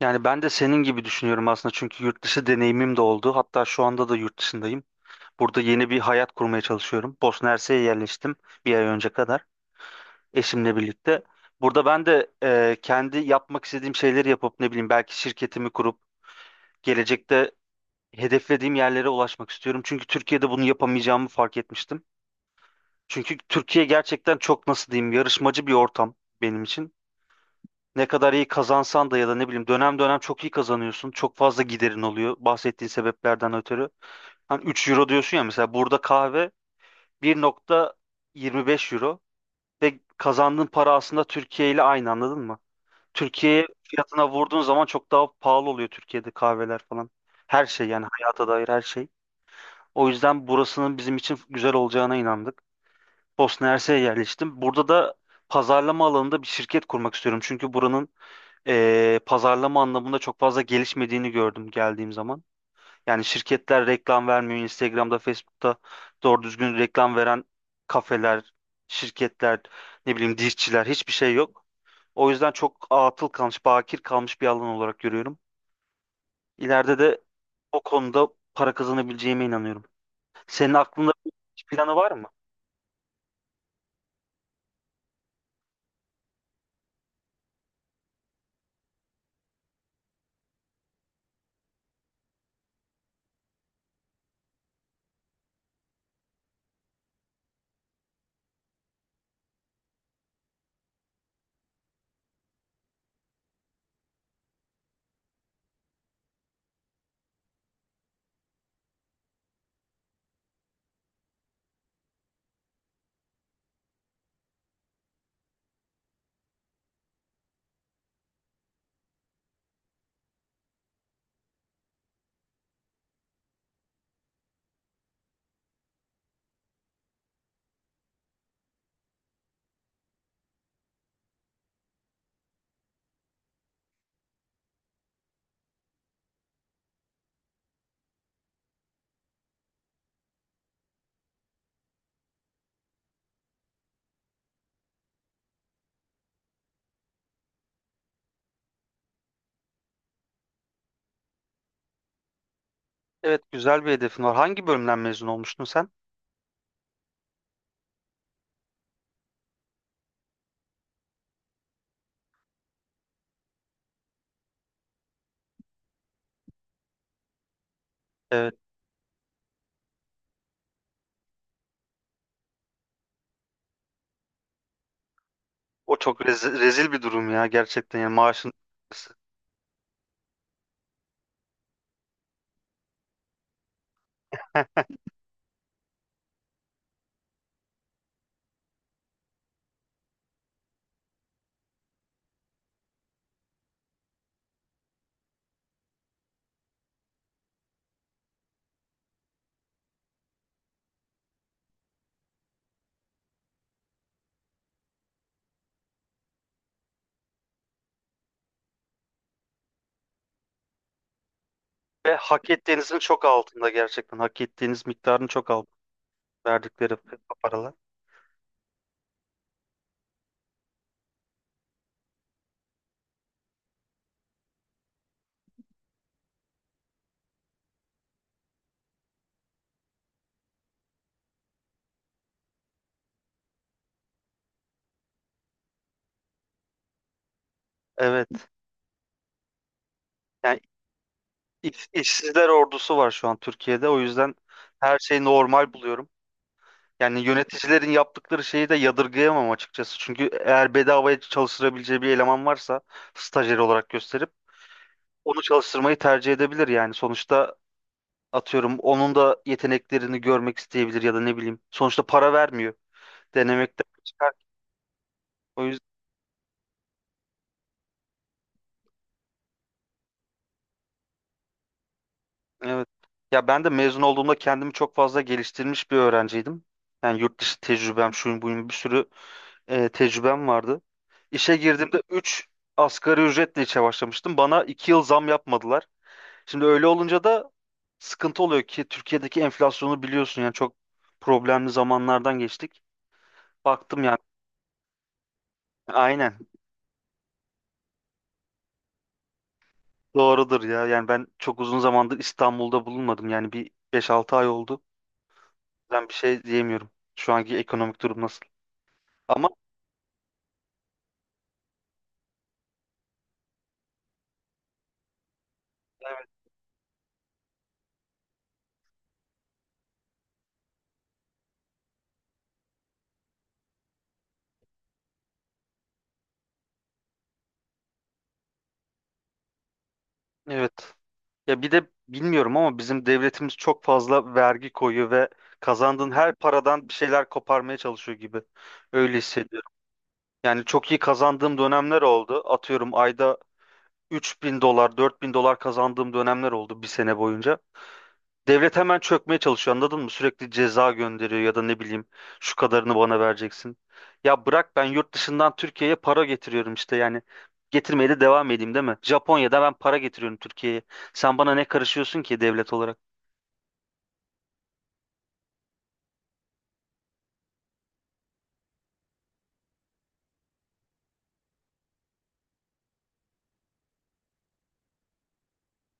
Yani ben de senin gibi düşünüyorum aslında çünkü yurt dışı deneyimim de oldu. Hatta şu anda da yurt dışındayım. Burada yeni bir hayat kurmaya çalışıyorum. Bosna Hersek'e yerleştim bir ay önce kadar eşimle birlikte. Burada ben de kendi yapmak istediğim şeyleri yapıp ne bileyim belki şirketimi kurup gelecekte hedeflediğim yerlere ulaşmak istiyorum. Çünkü Türkiye'de bunu yapamayacağımı fark etmiştim. Çünkü Türkiye gerçekten çok nasıl diyeyim yarışmacı bir ortam benim için. Ne kadar iyi kazansan da ya da ne bileyim dönem dönem çok iyi kazanıyorsun. Çok fazla giderin oluyor bahsettiğin sebeplerden ötürü. Hani 3 euro diyorsun ya mesela burada kahve 1,25 euro ve kazandığın para aslında Türkiye ile aynı, anladın mı? Türkiye fiyatına vurduğun zaman çok daha pahalı oluyor Türkiye'de kahveler falan. Her şey yani hayata dair her şey. O yüzden burasının bizim için güzel olacağına inandık. Bosna Hersek'e yerleştim. Burada da pazarlama alanında bir şirket kurmak istiyorum. Çünkü buranın pazarlama anlamında çok fazla gelişmediğini gördüm geldiğim zaman. Yani şirketler reklam vermiyor. Instagram'da, Facebook'ta doğru düzgün reklam veren kafeler, şirketler, ne bileyim dişçiler hiçbir şey yok. O yüzden çok atıl kalmış, bakir kalmış bir alan olarak görüyorum. İleride de o konuda para kazanabileceğime inanıyorum. Senin aklında bir planı var mı? Evet, güzel bir hedefin var. Hangi bölümden mezun olmuştun sen? Evet, o çok rezil bir durum ya, gerçekten yani maaşın. Ve hak ettiğinizin çok altında gerçekten. Hak ettiğiniz miktarın çok altında verdikleri paralar. Evet. Yani işsizler ordusu var şu an Türkiye'de. O yüzden her şeyi normal buluyorum. Yani yöneticilerin yaptıkları şeyi de yadırgayamam açıkçası. Çünkü eğer bedavaya çalıştırabileceği bir eleman varsa stajyer olarak gösterip onu çalıştırmayı tercih edebilir yani. Sonuçta atıyorum onun da yeteneklerini görmek isteyebilir ya da ne bileyim. Sonuçta para vermiyor. Denemekten çıkar. O Evet. Ya ben de mezun olduğumda kendimi çok fazla geliştirmiş bir öğrenciydim. Yani yurt dışı tecrübem, şuyum buyum bir sürü tecrübem vardı. İşe girdiğimde 3 asgari ücretle işe başlamıştım. Bana 2 yıl zam yapmadılar. Şimdi öyle olunca da sıkıntı oluyor ki Türkiye'deki enflasyonu biliyorsun yani çok problemli zamanlardan geçtik. Baktım yani aynen doğrudur ya. Yani ben çok uzun zamandır İstanbul'da bulunmadım. Yani bir 5-6 ay oldu. Ben bir şey diyemiyorum. Şu anki ekonomik durum nasıl? Ama Evet. Ya bir de bilmiyorum ama bizim devletimiz çok fazla vergi koyuyor ve kazandığın her paradan bir şeyler koparmaya çalışıyor gibi. Öyle hissediyorum. Yani çok iyi kazandığım dönemler oldu. Atıyorum ayda 3.000 dolar, 4.000 dolar kazandığım dönemler oldu bir sene boyunca. Devlet hemen çökmeye çalışıyor, anladın mı? Sürekli ceza gönderiyor ya da ne bileyim şu kadarını bana vereceksin. Ya bırak, ben yurt dışından Türkiye'ye para getiriyorum işte yani. Getirmeye de devam edeyim değil mi? Japonya'da ben para getiriyorum Türkiye'ye. Sen bana ne karışıyorsun ki devlet olarak?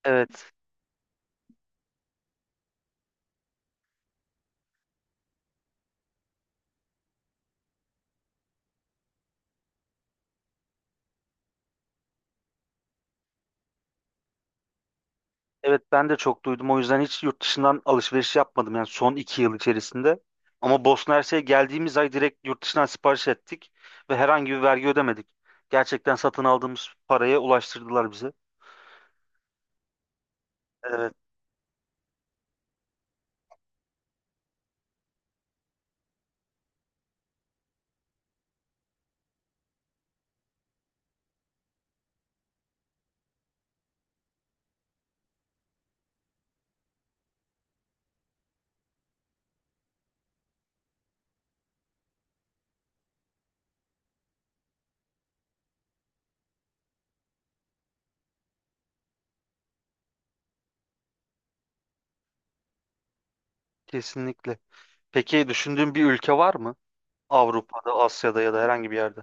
Evet. Evet, ben de çok duydum. O yüzden hiç yurt dışından alışveriş yapmadım yani son 2 yıl içerisinde. Ama Bosna Hersek'e geldiğimiz ay direkt yurt dışından sipariş ettik ve herhangi bir vergi ödemedik. Gerçekten satın aldığımız paraya ulaştırdılar bize. Evet, kesinlikle. Peki düşündüğün bir ülke var mı? Avrupa'da, Asya'da ya da herhangi bir yerde.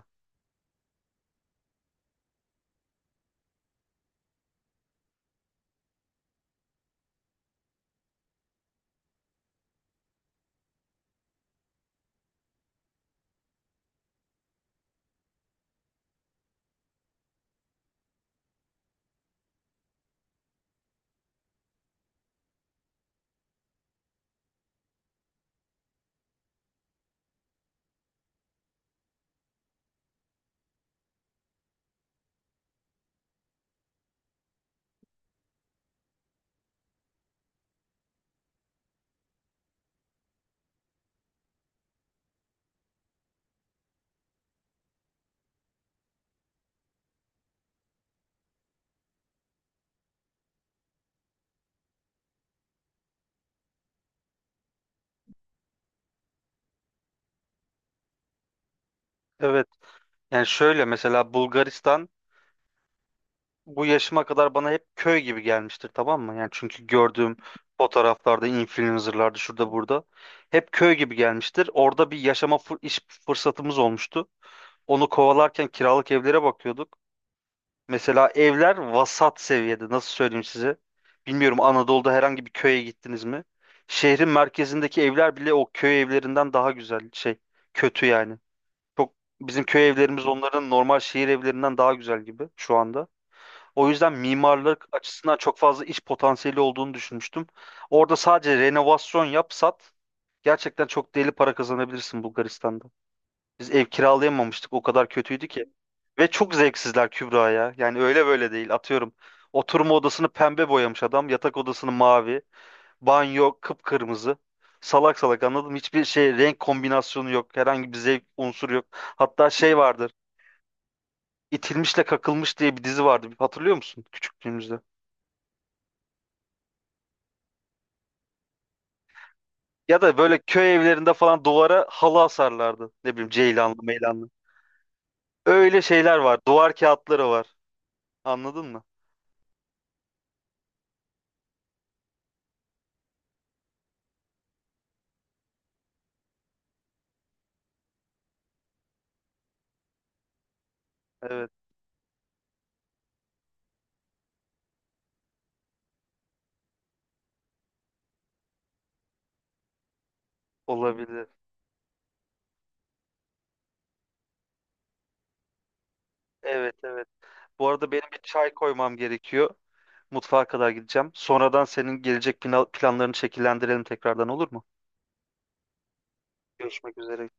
Evet. Yani şöyle, mesela Bulgaristan bu yaşıma kadar bana hep köy gibi gelmiştir, tamam mı? Yani çünkü gördüğüm fotoğraflarda, influencerlarda, şurada burada hep köy gibi gelmiştir. Orada bir yaşama iş fırsatımız olmuştu. Onu kovalarken kiralık evlere bakıyorduk. Mesela evler vasat seviyede. Nasıl söyleyeyim size? Bilmiyorum, Anadolu'da herhangi bir köye gittiniz mi? Şehrin merkezindeki evler bile o köy evlerinden daha güzel şey. Kötü yani. Çok, bizim köy evlerimiz onların normal şehir evlerinden daha güzel gibi şu anda. O yüzden mimarlık açısından çok fazla iş potansiyeli olduğunu düşünmüştüm. Orada sadece renovasyon yap sat. Gerçekten çok deli para kazanabilirsin Bulgaristan'da. Biz ev kiralayamamıştık. O kadar kötüydü ki. Ve çok zevksizler Kübra ya. Yani öyle böyle değil. Atıyorum. Oturma odasını pembe boyamış adam. Yatak odasını mavi. Banyo kıpkırmızı. Salak salak anladım. Hiçbir şey, renk kombinasyonu yok. Herhangi bir zevk unsuru yok. Hatta şey vardır. İtilmişle Kakılmış diye bir dizi vardı. Hatırlıyor musun küçüklüğümüzde? Ya da böyle köy evlerinde falan duvara halı asarlardı. Ne bileyim, ceylanlı meylanlı. Öyle şeyler var. Duvar kağıtları var. Anladın mı? Evet, olabilir. Evet, evet. Bu arada benim bir çay koymam gerekiyor. Mutfağa kadar gideceğim. Sonradan senin gelecek planlarını şekillendirelim tekrardan, olur mu? Görüşmek üzere.